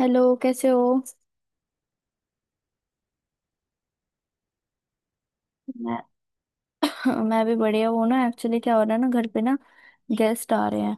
Hello, कैसे हो। मैं मैं भी बढ़िया हूँ ना। एक्चुअली, क्या हो रहा है ना, घर पे ना गेस्ट आ रहे हैं।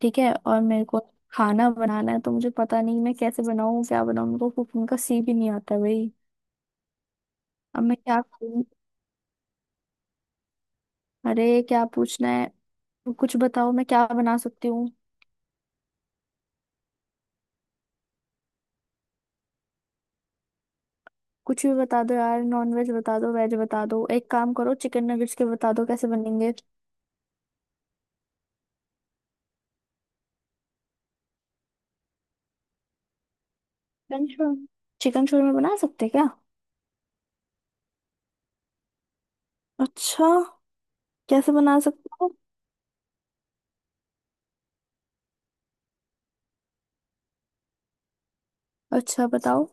ठीक है, और मेरे को खाना बनाना है, तो मुझे पता नहीं मैं कैसे बनाऊँ, क्या बनाऊँ। मेरे को कुकिंग का सी भी नहीं आता भाई। अब मैं क्या करूँ। अरे, क्या पूछना है, तो कुछ बताओ, मैं क्या बना सकती हूँ। कुछ भी बता दो यार, नॉन वेज बता दो, वेज बता दो। एक काम करो, चिकन नगेट्स के बता दो कैसे बनेंगे। Chicken shawarma. चिकन शोरमा बना सकते क्या। अच्छा, कैसे बना सकते हो। अच्छा, बताओ।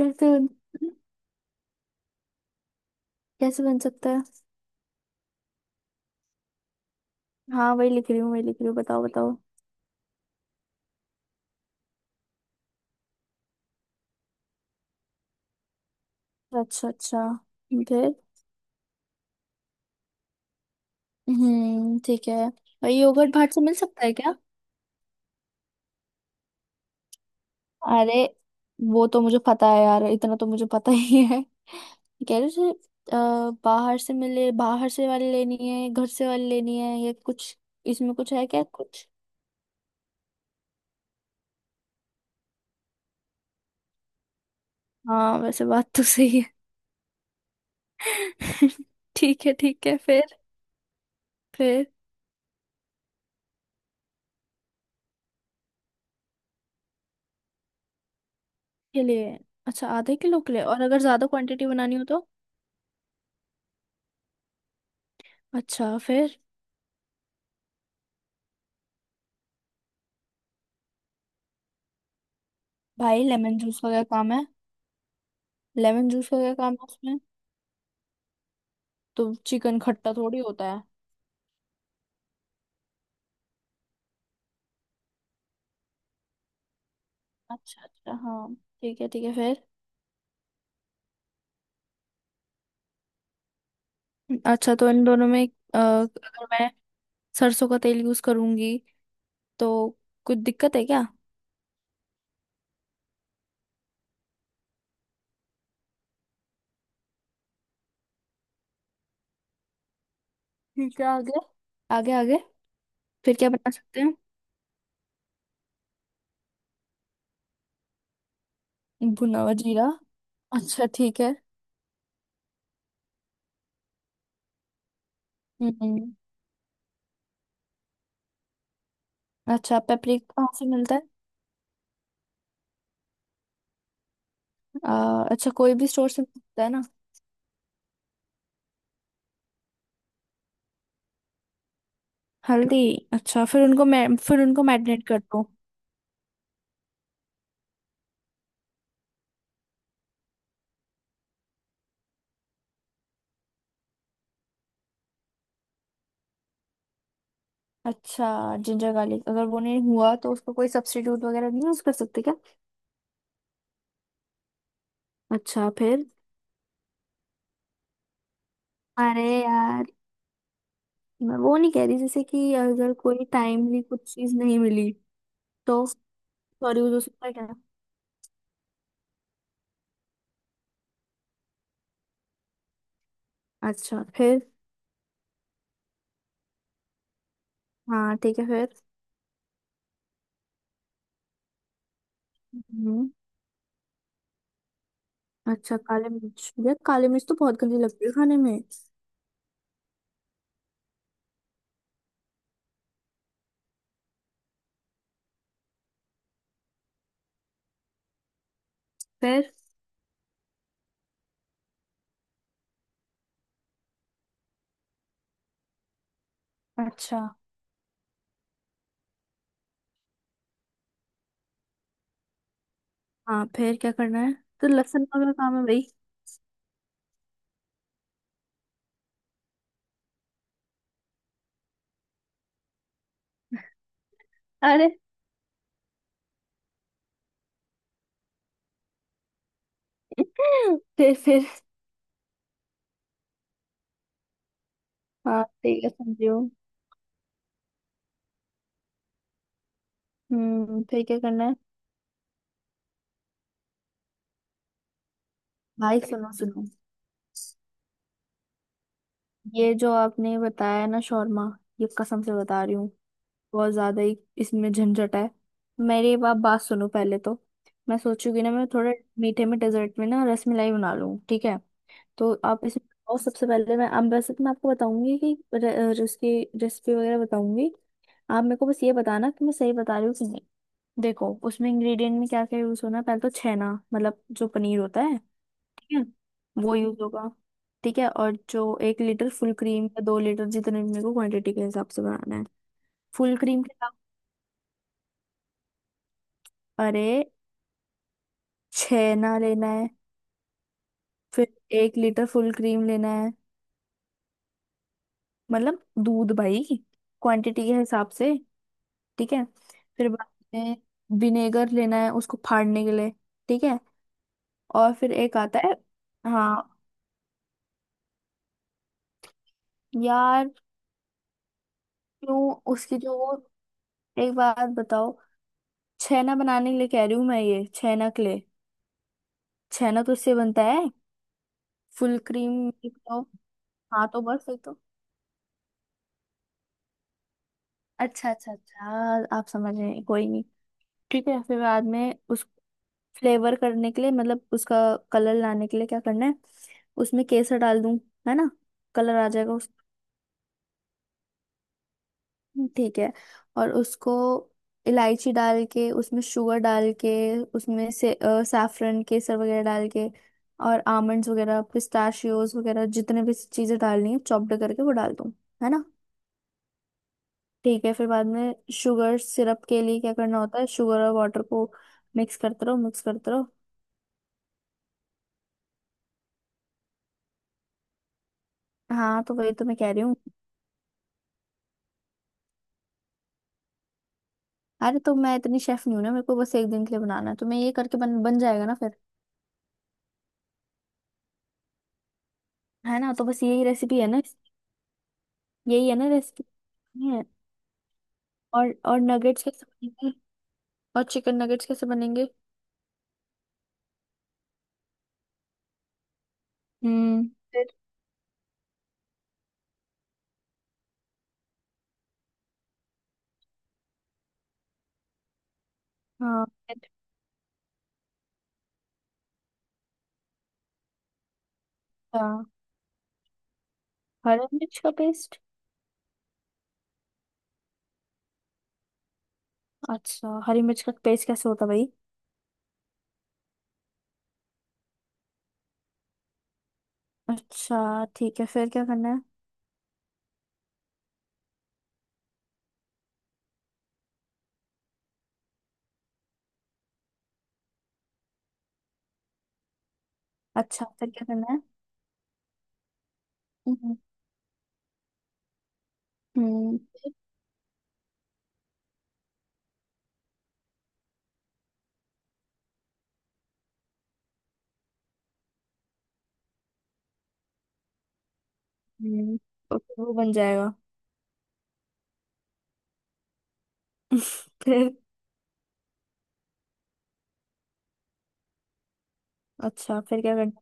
यार, तो कैसे बन सकता है। हाँ, वही लिख रही हूँ, वही लिख रही हूँ, बताओ बताओ। अच्छा अच्छा, फिर। हम्म, ठीक है। भाई, योगर्ट भाट से मिल सकता है क्या। अरे, वो तो मुझे पता है यार, इतना तो मुझे पता ही है। कह रहे थे, बाहर से मिले, बाहर से वाली लेनी है, घर से वाली लेनी है, या कुछ इसमें कुछ है क्या कुछ। हाँ, वैसे बात तो सही है। ठीक है, ठीक है, फिर। फिर के लिए। अच्छा, आधे किलो के लिए, और अगर ज्यादा क्वांटिटी बनानी हो तो। अच्छा, फिर। भाई, लेमन जूस का क्या काम है। लेमन जूस का क्या काम है उसमें। तो चिकन खट्टा थोड़ी होता है। अच्छा अच्छा हाँ, ठीक है ठीक है, फिर। अच्छा, तो इन दोनों में, अगर मैं सरसों का तेल यूज करूंगी तो कुछ दिक्कत है क्या। ठीक है, आगे, आगे, आगे। फिर क्या बना सकते हैं। भुना हुआ जीरा, अच्छा ठीक है। हम्म, अच्छा, पेपरिका कहाँ से मिलता है। अच्छा, कोई भी स्टोर से मिलता है ना। हल्दी। अच्छा, फिर उनको मैरिनेट कर दो। अच्छा। जिंजर गार्लिक, अगर वो नहीं हुआ तो उसको कोई सब्स्टिट्यूट वगैरह नहीं यूज कर सकते क्या। अच्छा, फिर। अरे यार, मैं वो नहीं कह रही, जैसे कि अगर कोई टाइमली कुछ चीज नहीं मिली तो, सॉरी, यूज हो सकता है क्या। अच्छा, फिर। हाँ, ठीक है, फिर। हम्म, अच्छा, काले मिर्च, यार, काले मिर्च तो बहुत गंदी लगती है खाने में। फिर। अच्छा हाँ, फिर क्या करना है। तो लहसुन का क्या काम है भाई। अरे। फिर। हाँ, ठीक है, समझी हूँ। हम्म, फिर क्या करना है। भाई, सुनो सुनो, ये जो आपने बताया ना शौर्मा, ये कसम से बता रही हूँ, बहुत ज्यादा ही इसमें झंझट है। मेरी आप बात सुनो पहले तो। मैं सोचूंगी ना, मैं थोड़ा मीठे में, डेजर्ट में ना रसमलाई बना लूँ, ठीक है। तो आप इसमें, और सबसे पहले मैं, अब वैसे तो मैं आपको बताऊंगी कि उसकी रेसिपी वगैरह बताऊंगी। आप मेरे को बस ये बताना कि मैं सही बता रही हूँ कि नहीं। देखो, उसमें इंग्रेडिएंट में क्या क्या यूज होना है। पहले तो छेना, मतलब जो पनीर होता है, वो यूज होगा। ठीक है, और जो 1 लीटर फुल क्रीम या 2 लीटर, जितने भी मेरे को क्वांटिटी के हिसाब से बनाना है। फुल क्रीम के दाम। अरे, छेना लेना है। फिर 1 लीटर फुल क्रीम लेना है, मतलब दूध भाई, क्वांटिटी के हिसाब से। ठीक है। फिर बाद में विनेगर लेना है उसको फाड़ने के लिए। ठीक है, और फिर एक आता है। हाँ यार। क्यों, उसकी जो वो, एक बात बताओ। छेना बनाने के लिए कह रही हूँ मैं, ये छेना के लिए। छेना तो उससे बनता है, फुल क्रीम मिल्क तो। हाँ, तो बस फिर तो। अच्छा अच्छा अच्छा, आप समझ रहे हैं, कोई नहीं। ठीक है, फिर बाद में उस फ्लेवर करने के लिए, मतलब उसका कलर लाने के लिए क्या करना है, उसमें केसर डाल दूं, है ना, कलर आ जाएगा उस। ठीक है। और उसको इलायची डाल के, उसमें शुगर डाल के, उसमें से saffron, केसर वगैरह डाल के, और आमंड्स वगैरह, पिस्ताशियोज वगैरह, जितने भी चीज़ें डालनी है चॉप्ड करके वो डाल दूं, है ना। ठीक है। फिर बाद में शुगर सिरप के लिए क्या करना होता है, शुगर और वाटर को मिक्स करते रहो, मिक्स करते रहो। हाँ, तो वही तो मैं कह रही हूँ। अरे, तो मैं इतनी शेफ नहीं हूँ ना, मेरे को बस एक दिन के लिए बनाना है, तो मैं ये करके बन बन जाएगा ना फिर। है ना, तो बस यही रेसिपी है ना इसकी? यही है ना रेसिपी? है। और नगेट्स कैसे बनेंगे। और चिकन नगेट्स कैसे बनेंगे। हम्म, फिर। हाँ, अच्छा, हरी मिर्च का पेस्ट। अच्छा, हरी मिर्च का पेस्ट कैसे होता है भाई। अच्छा, ठीक है, फिर क्या करना है। अच्छा, फिर क्या करना है। हम्म। हम्म, हम्म। ओके, वो बन जाएगा। फिर। अच्छा, फिर क्या करना।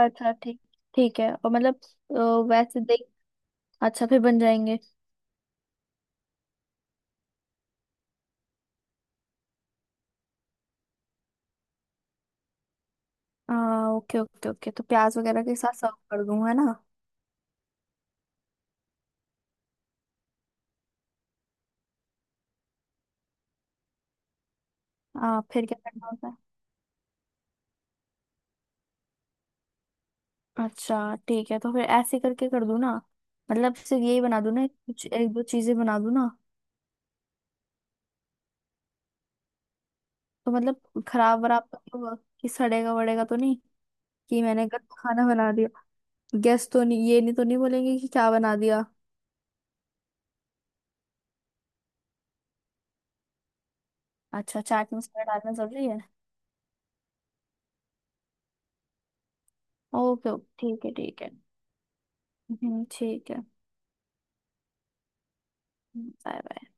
अच्छा ठीक, ठीक है, और मतलब, अ, वैसे देख। अच्छा, फिर बन जाएंगे। आ, ओके ओके ओके, तो प्याज वगैरह के साथ सर्व कर दूं, है ना। फिर क्या करना होता है। अच्छा, ठीक है, तो फिर ऐसे करके कर दूं ना। मतलब सिर्फ यही बना दूं ना, कुछ एक दो चीजें बना दूं ना। तो मतलब खराब वराब तो नहीं होगा, कि सड़ेगा वड़ेगा तो नहीं, कि मैंने गलत खाना बना दिया, गेस्ट तो नहीं ये नहीं तो नहीं बोलेंगे कि क्या बना दिया। अच्छा, चाट मसाला डालना जरूरी है। ओके ओके, ठीक है ठीक है। ठीक है। Bye bye.